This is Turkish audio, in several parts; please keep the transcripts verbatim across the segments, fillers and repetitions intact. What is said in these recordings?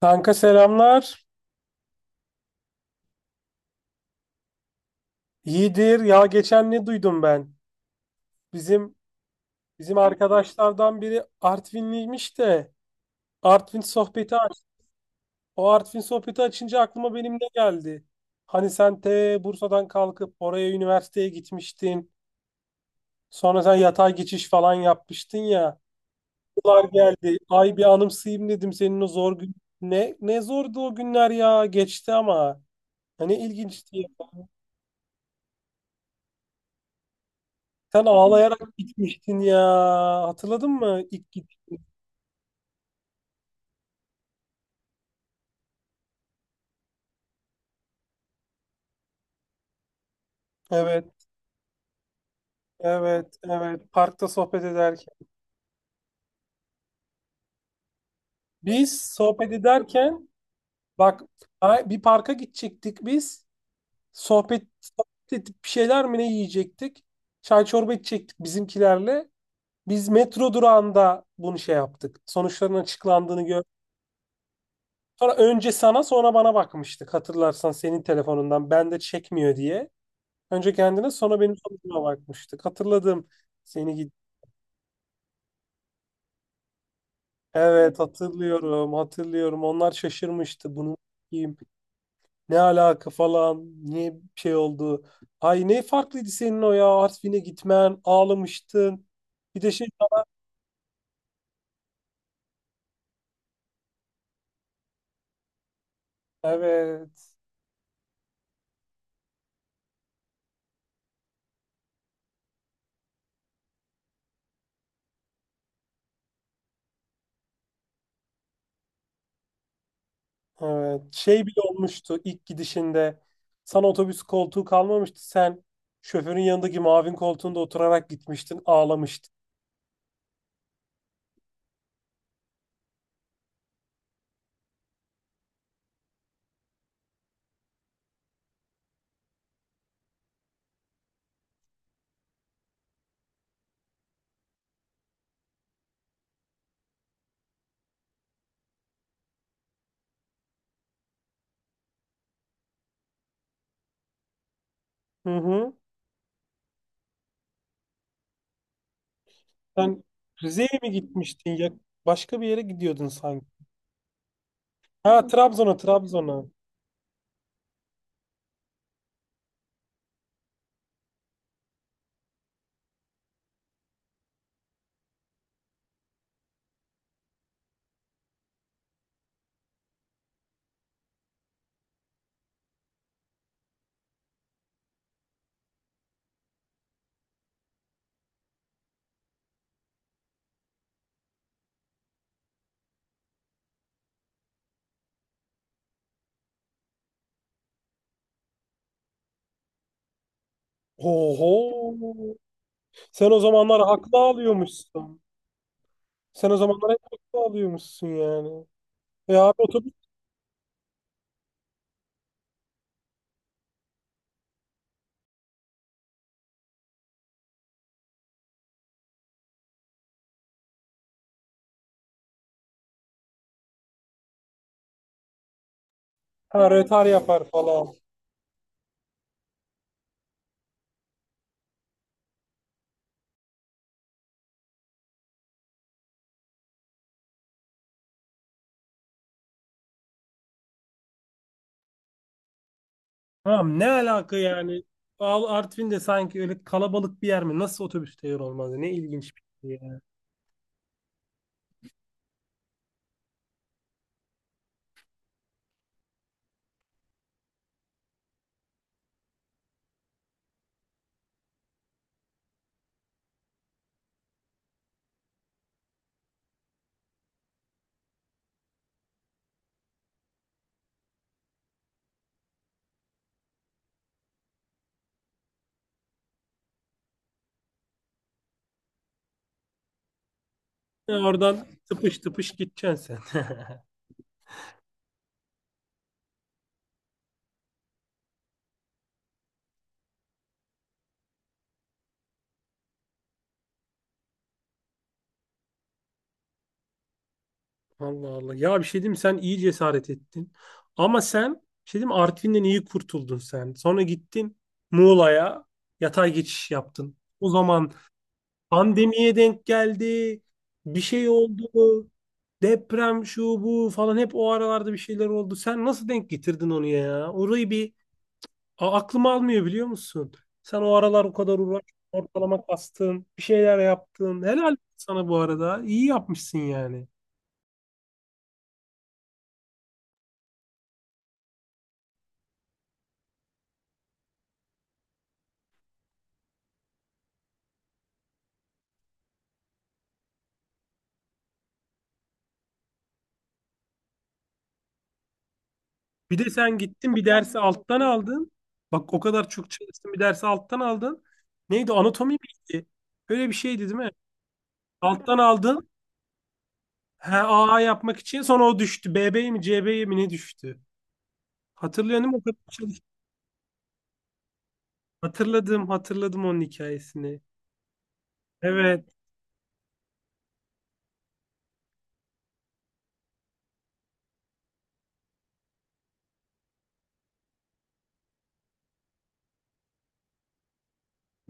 Kanka selamlar. İyidir. Ya geçen ne duydum ben? Bizim bizim arkadaşlardan biri Artvinliymiş de Artvin sohbeti aç. O Artvin sohbeti açınca aklıma benim ne geldi? Hani sen te Bursa'dan kalkıp oraya üniversiteye gitmiştin. Sonra sen yatay geçiş falan yapmıştın ya. Yıllar geldi. Ay bir anımsayayım dedim senin o zor gün. Ne ne zordu o günler ya. Geçti ama. Hani ilginçti. Sen ağlayarak gitmiştin ya. Hatırladın mı ilk evet, evet, evet. Parkta sohbet ederken. Biz sohbet ederken bak ay- bir parka gidecektik biz. Sohbet, sohbet edip bir şeyler mi ne yiyecektik? Çay çorba içecektik bizimkilerle. Biz metro durağında bunu şey yaptık. Sonuçların açıklandığını gör. Sonra önce sana sonra bana bakmıştık. Hatırlarsan senin telefonundan ben de çekmiyor diye. Önce kendine sonra benim sonucuma bakmıştık. Hatırladım seni. Evet, hatırlıyorum hatırlıyorum, onlar şaşırmıştı bunu kim ne alaka falan niye bir şey oldu. Ay ne farklıydı senin o ya, Artvin'e gitmen, ağlamıştın. Bir de şey, evet, evet şey bile olmuştu ilk gidişinde sana otobüs koltuğu kalmamıştı, sen şoförün yanındaki mavin koltuğunda oturarak gitmiştin, ağlamıştın. Hı hı. Sen Rize'ye mi gitmiştin ya, başka bir yere gidiyordun sanki. Ha, Trabzon'a, Trabzon'a. Oho. Sen o zamanlar haklı alıyormuşsun. Sen o zamanlar hep haklı alıyormuşsun yani. E abi otobüs, ha, rötar yapar falan. Tamam, ne alaka yani? Al, Artvin de sanki öyle kalabalık bir yer mi? Nasıl otobüste yer olmaz? Ne ilginç bir şey ya. Ya, oradan tıpış tıpış gideceksin sen. Allah Allah. Ya bir şey diyeyim mi? Sen iyi cesaret ettin. Ama sen bir şey diyeyim mi? Artvin'den iyi kurtuldun sen. Sonra gittin Muğla'ya, yatay geçiş yaptın. O zaman pandemiye denk geldi. Bir şey oldu. Deprem, şu bu falan, hep o aralarda bir şeyler oldu. Sen nasıl denk getirdin onu ya? Orayı bir A- aklım almıyor biliyor musun? Sen o aralar o kadar uğraş, ortalama kastın, bir şeyler yaptın. Helal sana bu arada. İyi yapmışsın yani. Bir de sen gittin bir dersi alttan aldın. Bak, o kadar çok çalıştın bir dersi alttan aldın. Neydi? Anatomi miydi? Öyle bir şeydi değil mi? Alttan aldın. He, A A yapmak için sonra o düştü. B B'ye mi C B'ye mi ne düştü? Hatırlıyorum o kadar çalış- hatırladım, hatırladım onun hikayesini. Evet,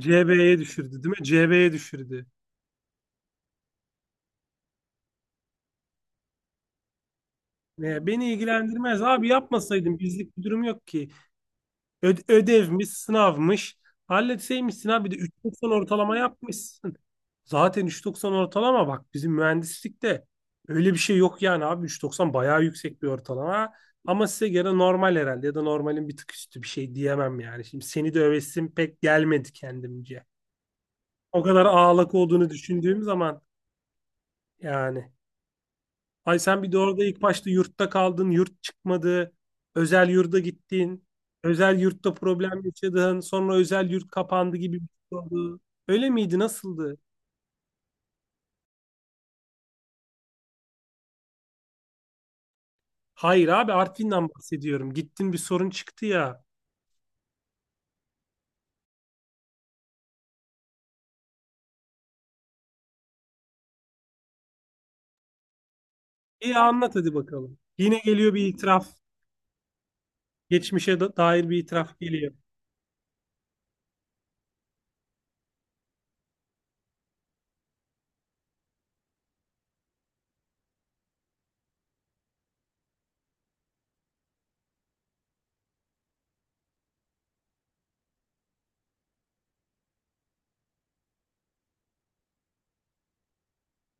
C B'ye düşürdü değil mi? C B'ye düşürdü. Ne, beni ilgilendirmez abi, yapmasaydım, bizlik bir durum yok ki. Öd- ödevmiş, sınavmış. Halletseymişsin abi, bir de üç doksan ortalama yapmışsın. Zaten üç doksan ortalama, bak bizim mühendislikte öyle bir şey yok yani abi, üç doksan bayağı yüksek bir ortalama. Ama size göre normal herhalde ya da normalin bir tık üstü, bir şey diyemem yani. Şimdi seni de övesim pek gelmedi kendimce. O kadar ağlak olduğunu düşündüğüm zaman yani. Ay sen bir de orada ilk başta yurtta kaldın, yurt çıkmadı, özel yurda gittin, özel yurtta problem yaşadın, sonra özel yurt kapandı gibi bir şey oldu. Öyle miydi, nasıldı? Hayır abi, Artvin'den bahsediyorum. Gittin bir sorun çıktı ya. İyi, anlat hadi bakalım. Yine geliyor bir itiraf. Geçmişe da- dair bir itiraf geliyor.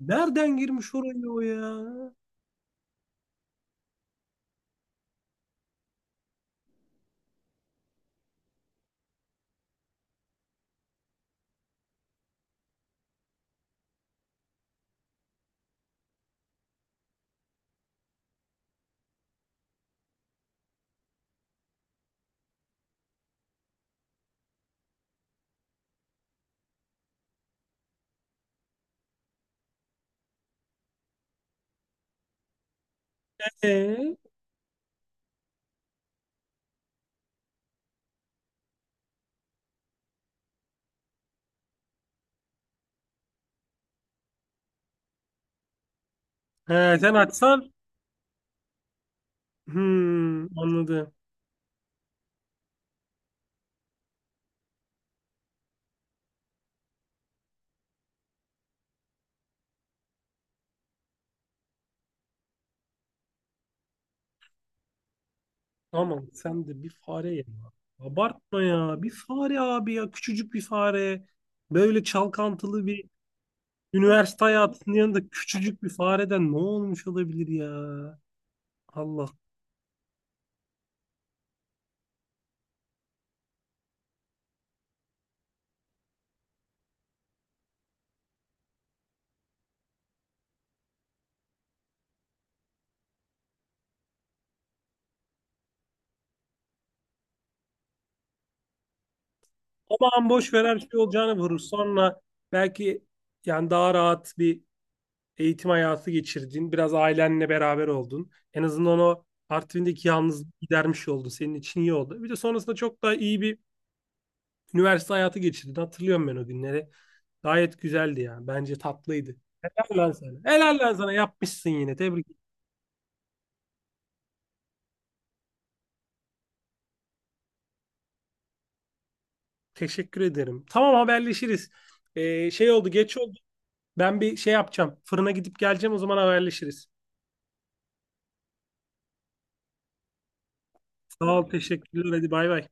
Nereden girmiş oraya o ya? Ee, He, sen açsan. Hmm, anladım. Aman sen de bir fare ya. Abartma ya. Bir fare abi ya. Küçücük bir fare. Böyle çalkantılı bir üniversite hayatının yanında küçücük bir fareden ne olmuş olabilir ya? Allah. Aman boş ver, her şey olacağını vurur. Sonra belki yani daha rahat bir eğitim hayatı geçirdin. Biraz ailenle beraber oldun. En azından o Artvin'deki yalnızlığı gidermiş oldu. Senin için iyi oldu. Bir de sonrasında çok daha iyi bir üniversite hayatı geçirdin. Hatırlıyorum ben o günleri. Gayet güzeldi ya. Bence tatlıydı. Helal lan sana. Helal lan sana. Yapmışsın yine. Tebrik. Teşekkür ederim. Tamam, haberleşiriz. Ee, şey oldu, geç oldu. Ben bir şey yapacağım. Fırına gidip geleceğim. O zaman haberleşiriz. Sağ ol, teşekkürler. Hadi bay bay.